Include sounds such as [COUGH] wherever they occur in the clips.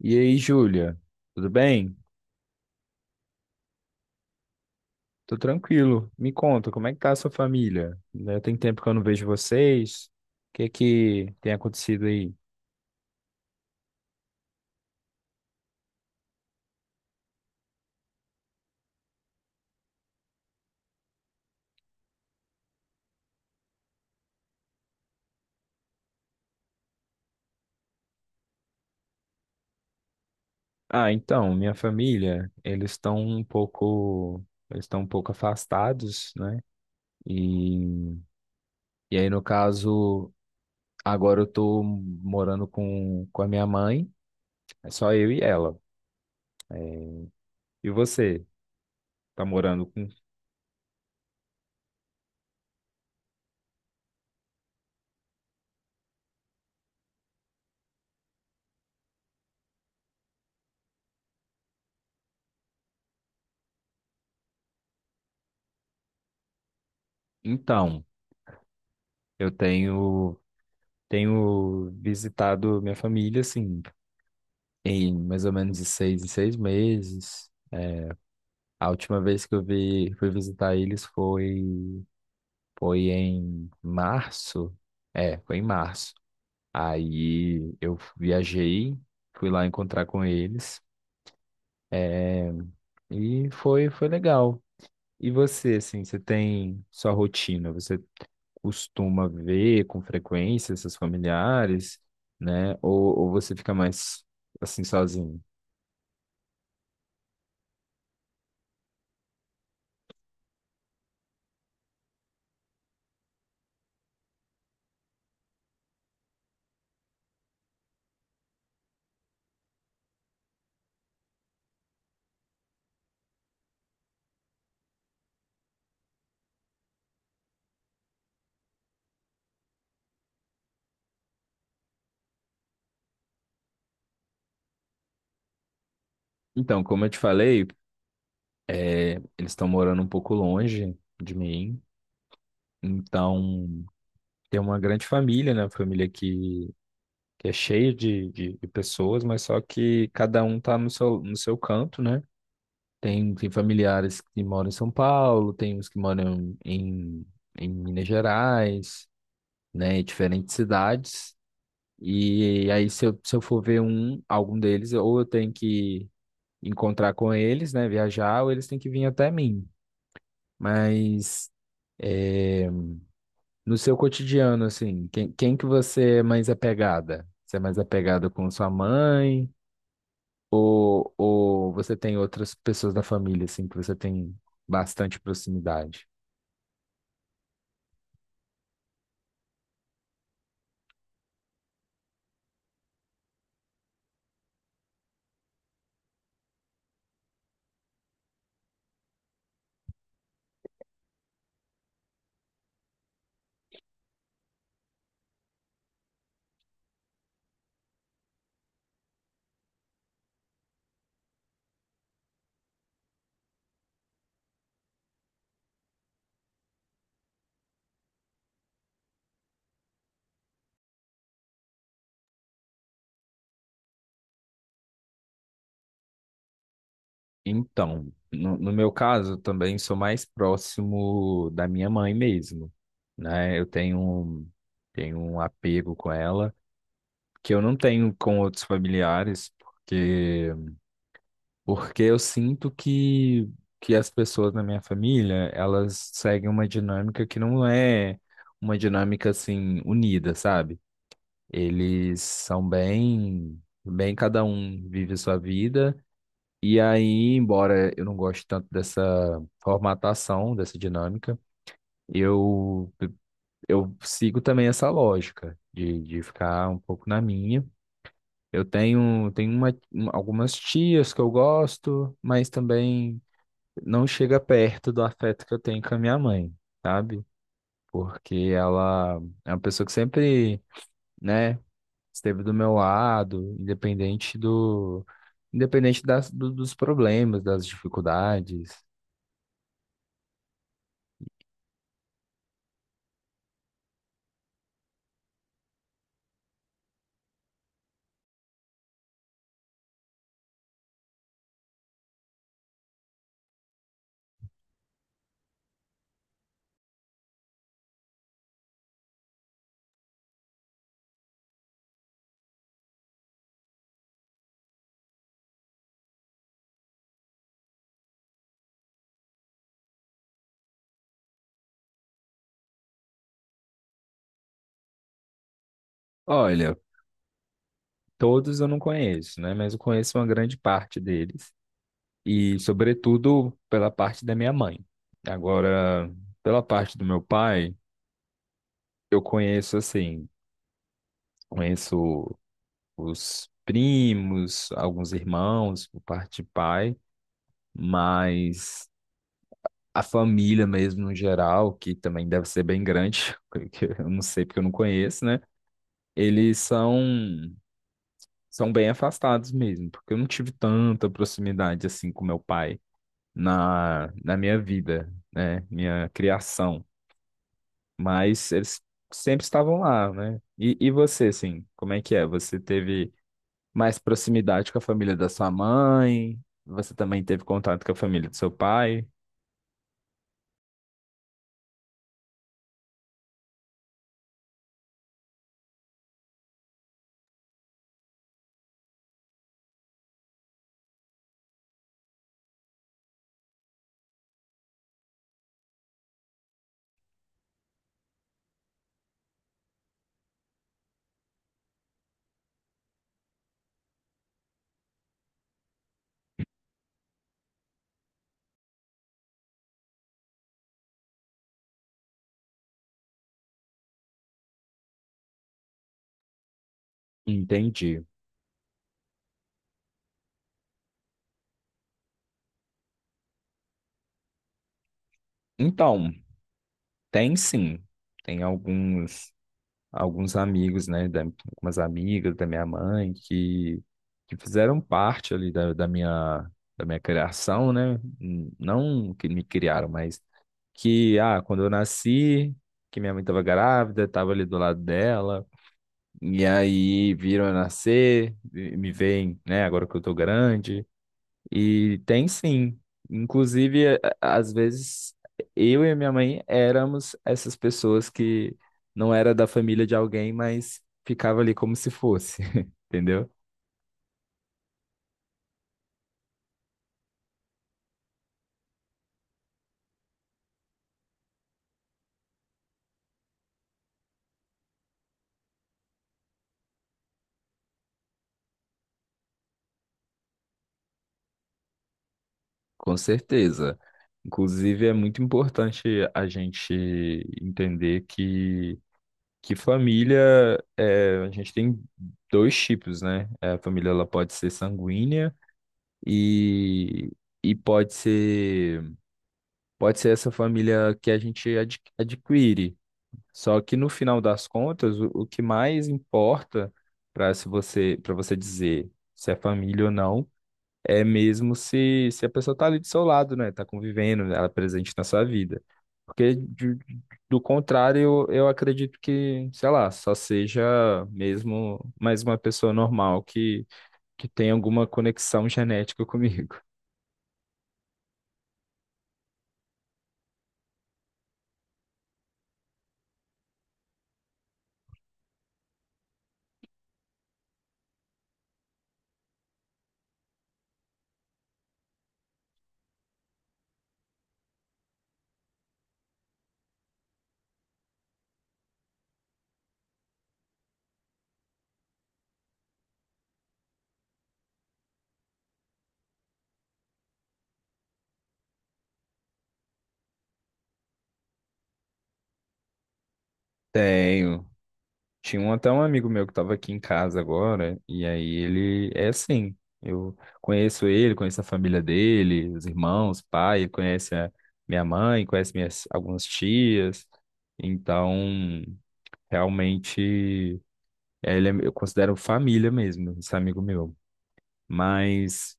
E aí, Júlia, tudo bem? Tô tranquilo. Me conta, como é que tá a sua família? Né? Tem tempo que eu não vejo vocês. O que é que tem acontecido aí? Ah, então, minha família, eles estão um pouco afastados, né? E, e aí, no caso, agora eu tô morando com a minha mãe, é só eu e ela. É, e você, tá morando com... Então, eu tenho visitado minha família, assim, em mais ou menos de seis em seis meses. A última vez que eu vi, fui visitar eles foi em março. É, foi em março. Aí eu viajei, fui lá encontrar com eles e foi legal. E você, assim, você tem sua rotina? Você costuma ver com frequência seus familiares, né? Ou você fica mais assim sozinho? Então, como eu te falei, eles estão morando um pouco longe de mim. Então, tem uma grande família, né? Uma família que é cheia de pessoas, mas só que cada um tá no seu canto, né? Tem familiares que moram em São Paulo, tem uns que moram em Minas Gerais, né? Em diferentes cidades. E aí, se eu for ver algum deles, ou eu tenho que encontrar com eles, né? Viajar, ou eles têm que vir até mim. Mas. eh, No seu cotidiano, assim, quem que você é mais apegada? Você é mais apegada com sua mãe? Ou você tem outras pessoas da família, assim, que você tem bastante proximidade? Então, no meu caso, também sou mais próximo da minha mãe mesmo, né? Tenho um apego com ela, que eu não tenho com outros familiares, porque Porque eu sinto que as pessoas na minha família, elas seguem uma dinâmica que não é uma dinâmica assim unida, sabe? Eles são bem cada um vive sua vida. E aí, embora eu não goste tanto dessa formatação, dessa dinâmica, eu eu sigo também essa lógica de ficar um pouco na minha. Eu tenho algumas tias que eu gosto, mas também não chega perto do afeto que eu tenho com a minha mãe, sabe? Porque ela é uma pessoa que sempre, né, esteve do meu lado, independente dos problemas, das dificuldades. Olha, todos eu não conheço, né? Mas eu conheço uma grande parte deles e, sobretudo, pela parte da minha mãe. Agora, pela parte do meu pai, eu conheço assim, conheço os primos, alguns irmãos por parte de pai, mas a família mesmo no geral, que também deve ser bem grande, [LAUGHS] que eu não sei porque eu não conheço, né? Eles são bem afastados mesmo, porque eu não tive tanta proximidade assim com meu pai na minha vida, né? Minha criação, mas eles sempre estavam lá, né? E você, assim, como é que é? Você teve mais proximidade com a família da sua mãe. Você também teve contato com a família do seu pai. Entendi. Então, tem sim. Tem alguns amigos, né, algumas amigas da minha mãe que fizeram parte ali da minha criação, né? Não que me criaram, mas que quando eu nasci, que minha mãe estava grávida, estava ali do lado dela, e aí viram eu nascer, e me veem, né, agora que eu tô grande. E tem sim. Inclusive, às vezes, eu e a minha mãe éramos essas pessoas que não era da família de alguém, mas ficava ali como se fosse, [LAUGHS] entendeu? Com certeza. Inclusive, é muito importante a gente entender que família, a gente tem dois tipos, né? A família ela pode ser sanguínea e, e pode ser essa família que a gente adquire. Só que no final das contas, o que mais importa para você dizer se é família ou não, é mesmo se a pessoa está ali do seu lado, né? Está convivendo, ela é presente na sua vida. Porque do contrário, eu acredito que, sei lá, só seja mesmo mais uma pessoa normal que tem alguma conexão genética comigo. Tenho. Tinha um, até um amigo meu que estava aqui em casa agora, e aí ele é assim. Eu conheço ele, conheço a família dele, os irmãos, pai, ele conhece a minha mãe, conhece minhas algumas tias. Então, realmente, eu considero família mesmo, esse amigo meu. Mas,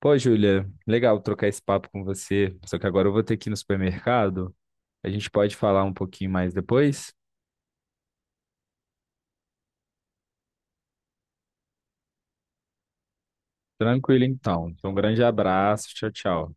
pô, Júlia, legal trocar esse papo com você. Só que agora eu vou ter que ir no supermercado. A gente pode falar um pouquinho mais depois? Tranquilo, então. Então, um grande abraço. Tchau, tchau.